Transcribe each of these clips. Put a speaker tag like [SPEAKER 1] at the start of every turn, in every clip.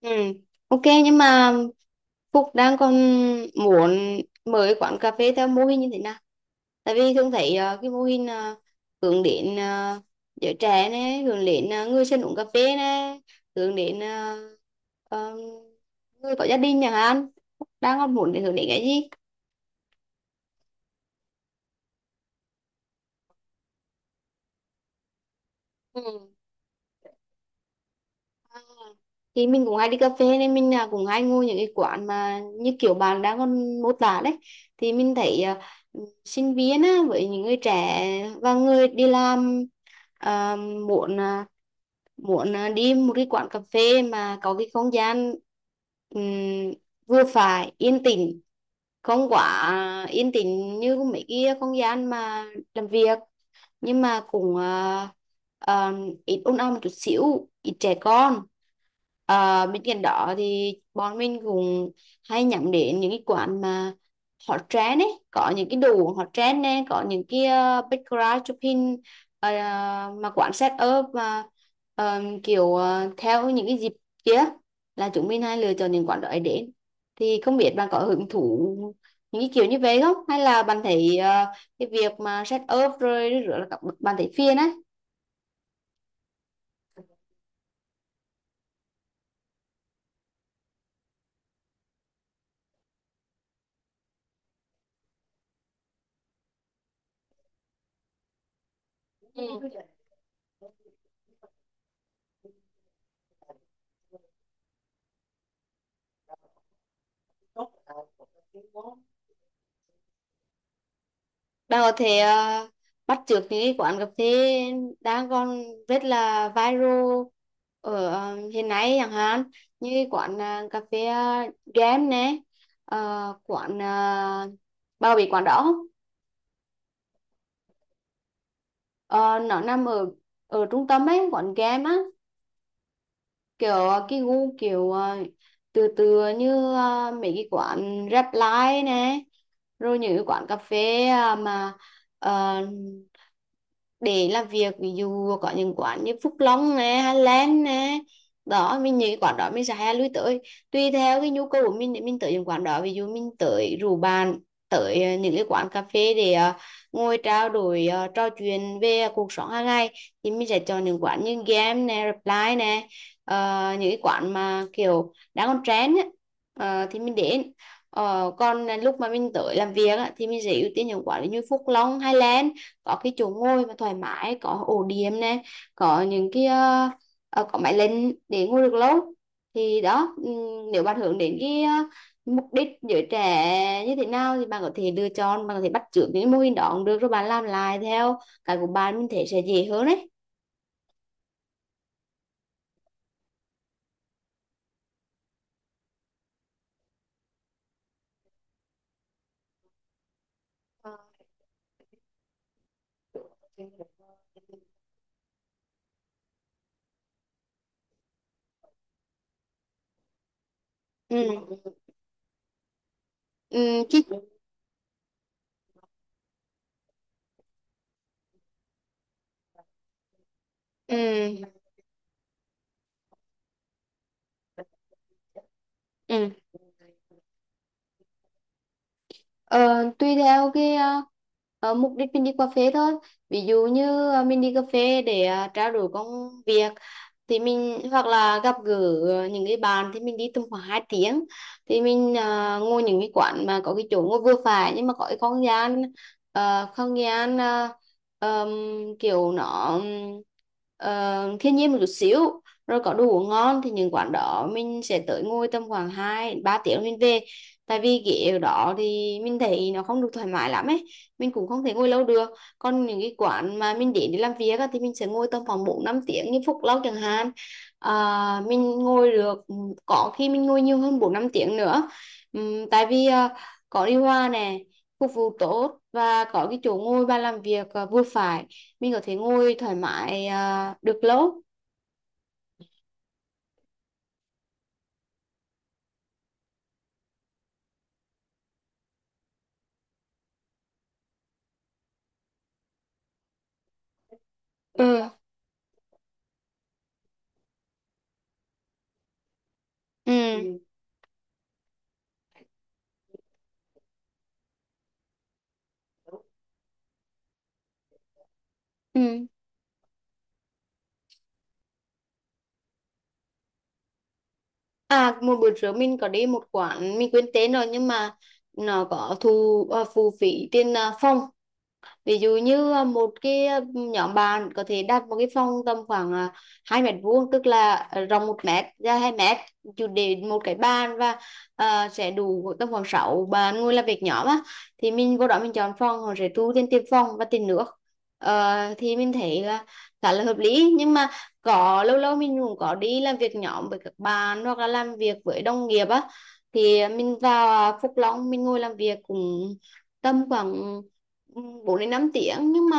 [SPEAKER 1] Ừ, ok nhưng mà Phúc đang còn muốn mở cái quán cà phê theo mô hình như thế nào? Tại vì thường thấy cái mô hình hướng đến giới trẻ này, hướng đến người dân uống cà phê này, hướng đến ờ, người có gia đình chẳng hạn. Phúc đang còn muốn để hướng đến cái gì? Thì mình cũng hay đi cà phê nên mình cũng hay ngồi những cái quán mà như kiểu bạn đang còn mô tả đấy, thì mình thấy sinh viên á, với những người trẻ và người đi làm à, muốn à, muốn đi một cái quán cà phê mà có cái không gian ừm, vừa phải yên tĩnh, không quá yên tĩnh như mấy cái không gian mà làm việc, nhưng mà cũng ờ, ít ôn ong một chút xíu, ít trẻ con. Ờ, bên cạnh đó thì bọn mình cũng hay nhắm đến những cái quán mà hot trend ấy, có những cái đồ uống hot trend này, có những cái background shopping, ờ, mà quán set up mà kiểu theo những cái dịp kia là chúng mình hay lựa chọn những quán đó để đến. Thì không biết bạn có hứng thú những cái kiểu như vậy không, hay là bạn thấy cái việc mà set up rồi rửa là các bậc bàn thấy phiền á? Ừ. Bạn có thể bắt chước những cái quán cà phê đang còn rất là viral ở hiện nay, chẳng hạn như cái quán cà phê game nè, quán bao bị, quán đó không? Ờ, nó nằm ở ở trung tâm ấy, quán game á, kiểu cái gu kiểu từ từ như mấy cái quán rap live nè, rồi những cái quán cà phê mà ờ, để làm việc, ví dụ có những quán như Phúc Long nè hay Len nè. Đó mình những cái quán đó mình sẽ hay lui tới, tùy theo cái nhu cầu của mình để mình tới những quán đó. Ví dụ mình tới rủ bạn tới những cái quán cà phê để ngồi trao đổi trò chuyện về cuộc sống hàng ngày thì mình sẽ chọn những quán như game nè, reply nè. Ờ, những cái quán mà kiểu đang còn trend á, thì mình đến. Ờ, còn lúc mà mình tới làm việc á, thì mình sẽ ưu tiên những quán như Phúc Long, Highland, có cái chỗ ngồi mà thoải mái, có ổ điểm này, có những cái có máy lên để ngồi được lâu. Thì đó, nếu bạn hướng đến cái mục đích giới trẻ như thế nào thì bạn có thể lựa chọn, bạn có thể bắt chước những mô hình đó cũng được, rồi bạn làm lại theo cái của bạn, mình thấy sẽ dễ hơn đấy. Ừ, ừ. Ừ, chứ. Ừ, ừ. Ờ, tùy theo cái mục đích mình đi cà phê thôi. Ví dụ như mình đi cà phê để trao đổi công việc thì mình hoặc là gặp gỡ những cái bạn thì mình đi tầm khoảng 2 tiếng, thì mình ngồi những cái quán mà có cái chỗ ngồi vừa phải, nhưng mà có cái không gian ờ, không gian ờ, ờm, kiểu nó thiên nhiên một chút xíu, rồi có đồ uống ngon thì những quán đó mình sẽ tới ngồi tầm khoảng 2-3 tiếng mình về. Tại vì ghế ở đó thì mình thấy nó không được thoải mái lắm ấy, mình cũng không thể ngồi lâu được. Còn những cái quán mà mình đến để làm việc á, thì mình sẽ ngồi tầm khoảng 4 5 tiếng như Phúc Lâu chẳng hạn. Mình ngồi được, ừ, có khi mình ngồi nhiều hơn 4 5 tiếng nữa. Tại vì có điều hòa nè, phục vụ tốt, và có cái chỗ ngồi bàn làm việc vừa phải, mình có thể ngồi thoải mái được lâu. Ừ, ừ, ừ. À, một bữa trước mình có đi một quán mình quên tên rồi, nhưng mà nó có thu phụ phí tiền phòng. Ví dụ như một cái nhóm bạn có thể đặt một cái phòng tầm khoảng 2 mét vuông, tức là rộng 1 mét ra 2 mét, chủ để một cái bàn và sẽ đủ tầm khoảng 6 bạn ngồi làm việc nhóm á, thì mình vô đó mình chọn phòng họ sẽ thu tiền tiền phòng và tiền nước. Ờ, thì mình thấy là khá là hợp lý, nhưng mà có lâu lâu mình cũng có đi làm việc nhóm với các bạn hoặc là làm việc với đồng nghiệp á, thì mình vào Phúc Long mình ngồi làm việc cũng tầm khoảng 4 đến 5 tiếng. Nhưng mà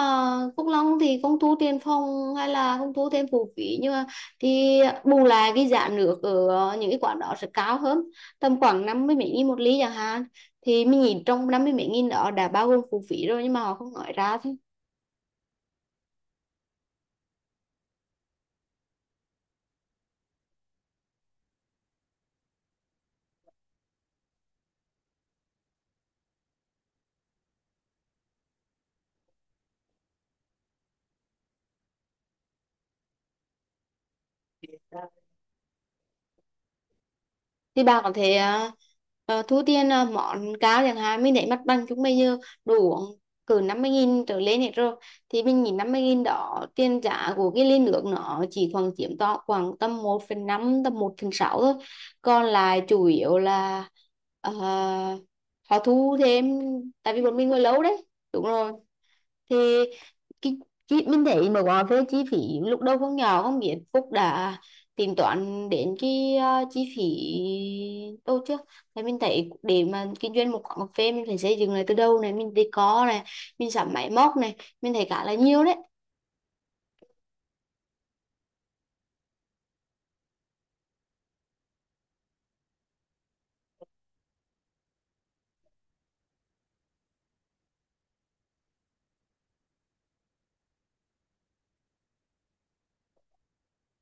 [SPEAKER 1] Phúc Long thì không thu tiền phòng hay là không thu thêm phụ phí, nhưng mà thì bù lại cái giá nước ở những cái quán đó sẽ cao hơn, tầm khoảng 50 mấy nghìn một ly chẳng hạn. Thì mình nhìn trong 50 mấy nghìn đó đã bao gồm phụ phí rồi, nhưng mà họ không nói ra. Thì bà có thể thu tiền món cao chẳng hạn, mình để mặt bằng chúng bây giờ đủ uống cỡ 50.000 trở lên hết rồi. Thì mình nhìn 50.000 đó, tiền giá của cái ly nước nó chỉ khoảng chiếm to khoảng tầm một phần năm, tầm một phần 6 thôi, còn lại chủ yếu là ờ, họ thu thêm, tại vì bọn mình ngồi lâu đấy. Đúng rồi, thì cái, cái mình thấy mà gọi về chi phí lúc đầu không nhỏ, không biết Phúc đã tính toán đến cái chi phí đâu chưa. Thì mình thấy để mà kinh doanh một quán cà phê mình phải xây dựng lại từ đâu này, mình decor này, mình sắm máy móc này, mình thấy cả là nhiều đấy.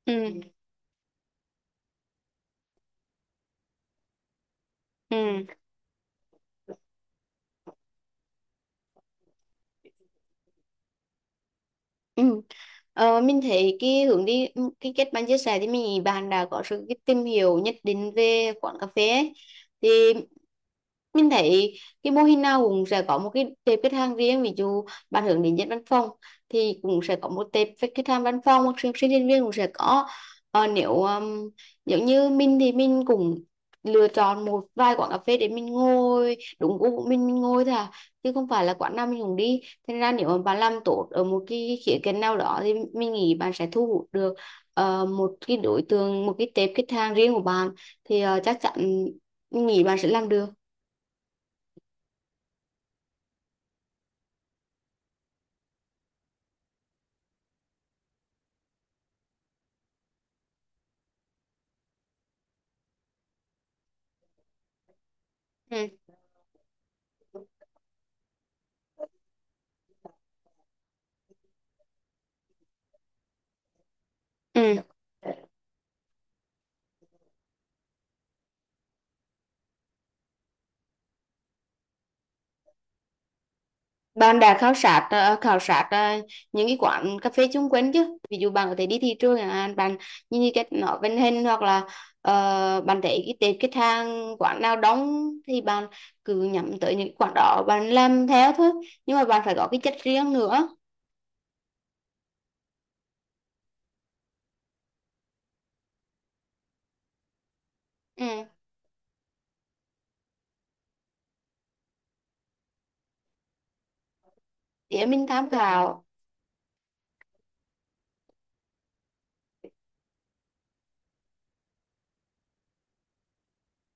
[SPEAKER 1] Ừ, ừ. Ừ. Ờ, mình thấy cái hướng đi, ừ, cái kết bạn chia sẻ thì mình nghĩ bạn đã có sự cái tìm hiểu nhất định về quán cà phê ấy. Thì mình thấy cái mô hình nào cũng sẽ có một cái tệp khách hàng riêng. Ví dụ bạn hướng đến dân văn phòng thì cũng sẽ có một tệp khách khách hàng văn phòng, hoặc sinh sinh viên viên cũng sẽ có. Nếu giống như mình thì mình cũng lựa chọn một vài quán cà phê để mình ngồi đúng gu của mình ngồi thôi à, chứ không phải là quán nào mình cũng đi. Thế ra nếu mà bạn làm tốt ở một cái khía cạnh nào đó thì mình nghĩ bạn sẽ thu hút được một cái đối tượng, một cái tệp khách hàng riêng của bạn. Thì chắc chắn mình nghĩ bạn sẽ làm được. Ừ. Ừ. Bạn đã khảo sát những cái quán cà phê chung quanh chứ? Ví dụ bạn có thể đi thị trường chẳng hạn, bạn nhìn cái cách nó vận hành, hoặc là bạn thấy cái tệp khách hàng quán nào đóng thì bạn cứ nhắm tới những quán đó, bạn làm theo thôi. Nhưng mà bạn phải có cái chất riêng nữa. Ừ, để mình tham khảo.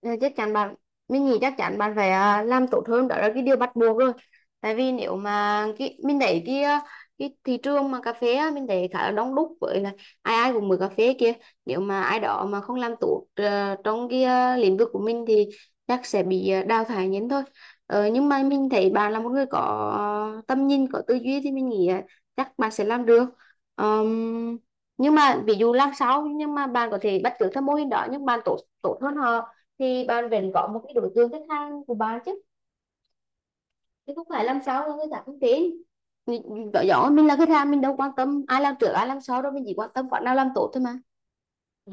[SPEAKER 1] Ừ, chắc chắn bạn, mình nghĩ chắc chắn bạn phải làm tốt hơn, đó là cái điều bắt buộc rồi. Tại vì nếu mà cái mình thấy cái cái thị trường mà cà phê á, mình thấy khá là đông đúc, với là ai ai cũng mới cà phê kia. Nếu mà ai đó mà không làm tốt trong cái lĩnh vực của mình thì chắc sẽ bị đào thải nhanh thôi. Ờ, nhưng mà mình thấy bạn là một người có tầm nhìn, có tư duy, thì mình nghĩ chắc bạn sẽ làm được. Ờm, nhưng mà ví dụ làm sao, nhưng mà bạn có thể bắt chước theo mô hình đó nhưng bạn tốt tốt hơn họ, thì bạn vẫn có một cái đối tượng khách hàng của bạn chứ, chứ không phải làm sao mà người ta không tin mình. Rõ rõ, mình là khách hàng mình đâu quan tâm ai làm trước ai làm sau đâu, mình chỉ quan tâm bạn nào làm tốt thôi mà. Ừ.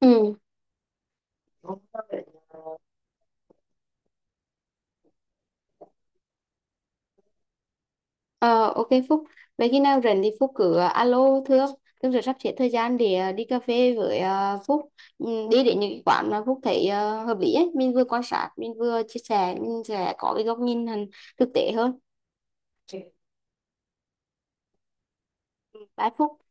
[SPEAKER 1] Ừ. Ờ, ok Phúc, vậy khi nào rảnh thì Phúc cứ alo Thương. Thương sẽ sắp xếp thời gian để đi cà phê với Phúc. Ừ, đi đến những cái quán mà Phúc thấy hợp lý ấy, mình vừa quan sát mình vừa chia sẻ, mình sẽ có cái góc nhìn hẳn thực tế hơn. Bye Phúc.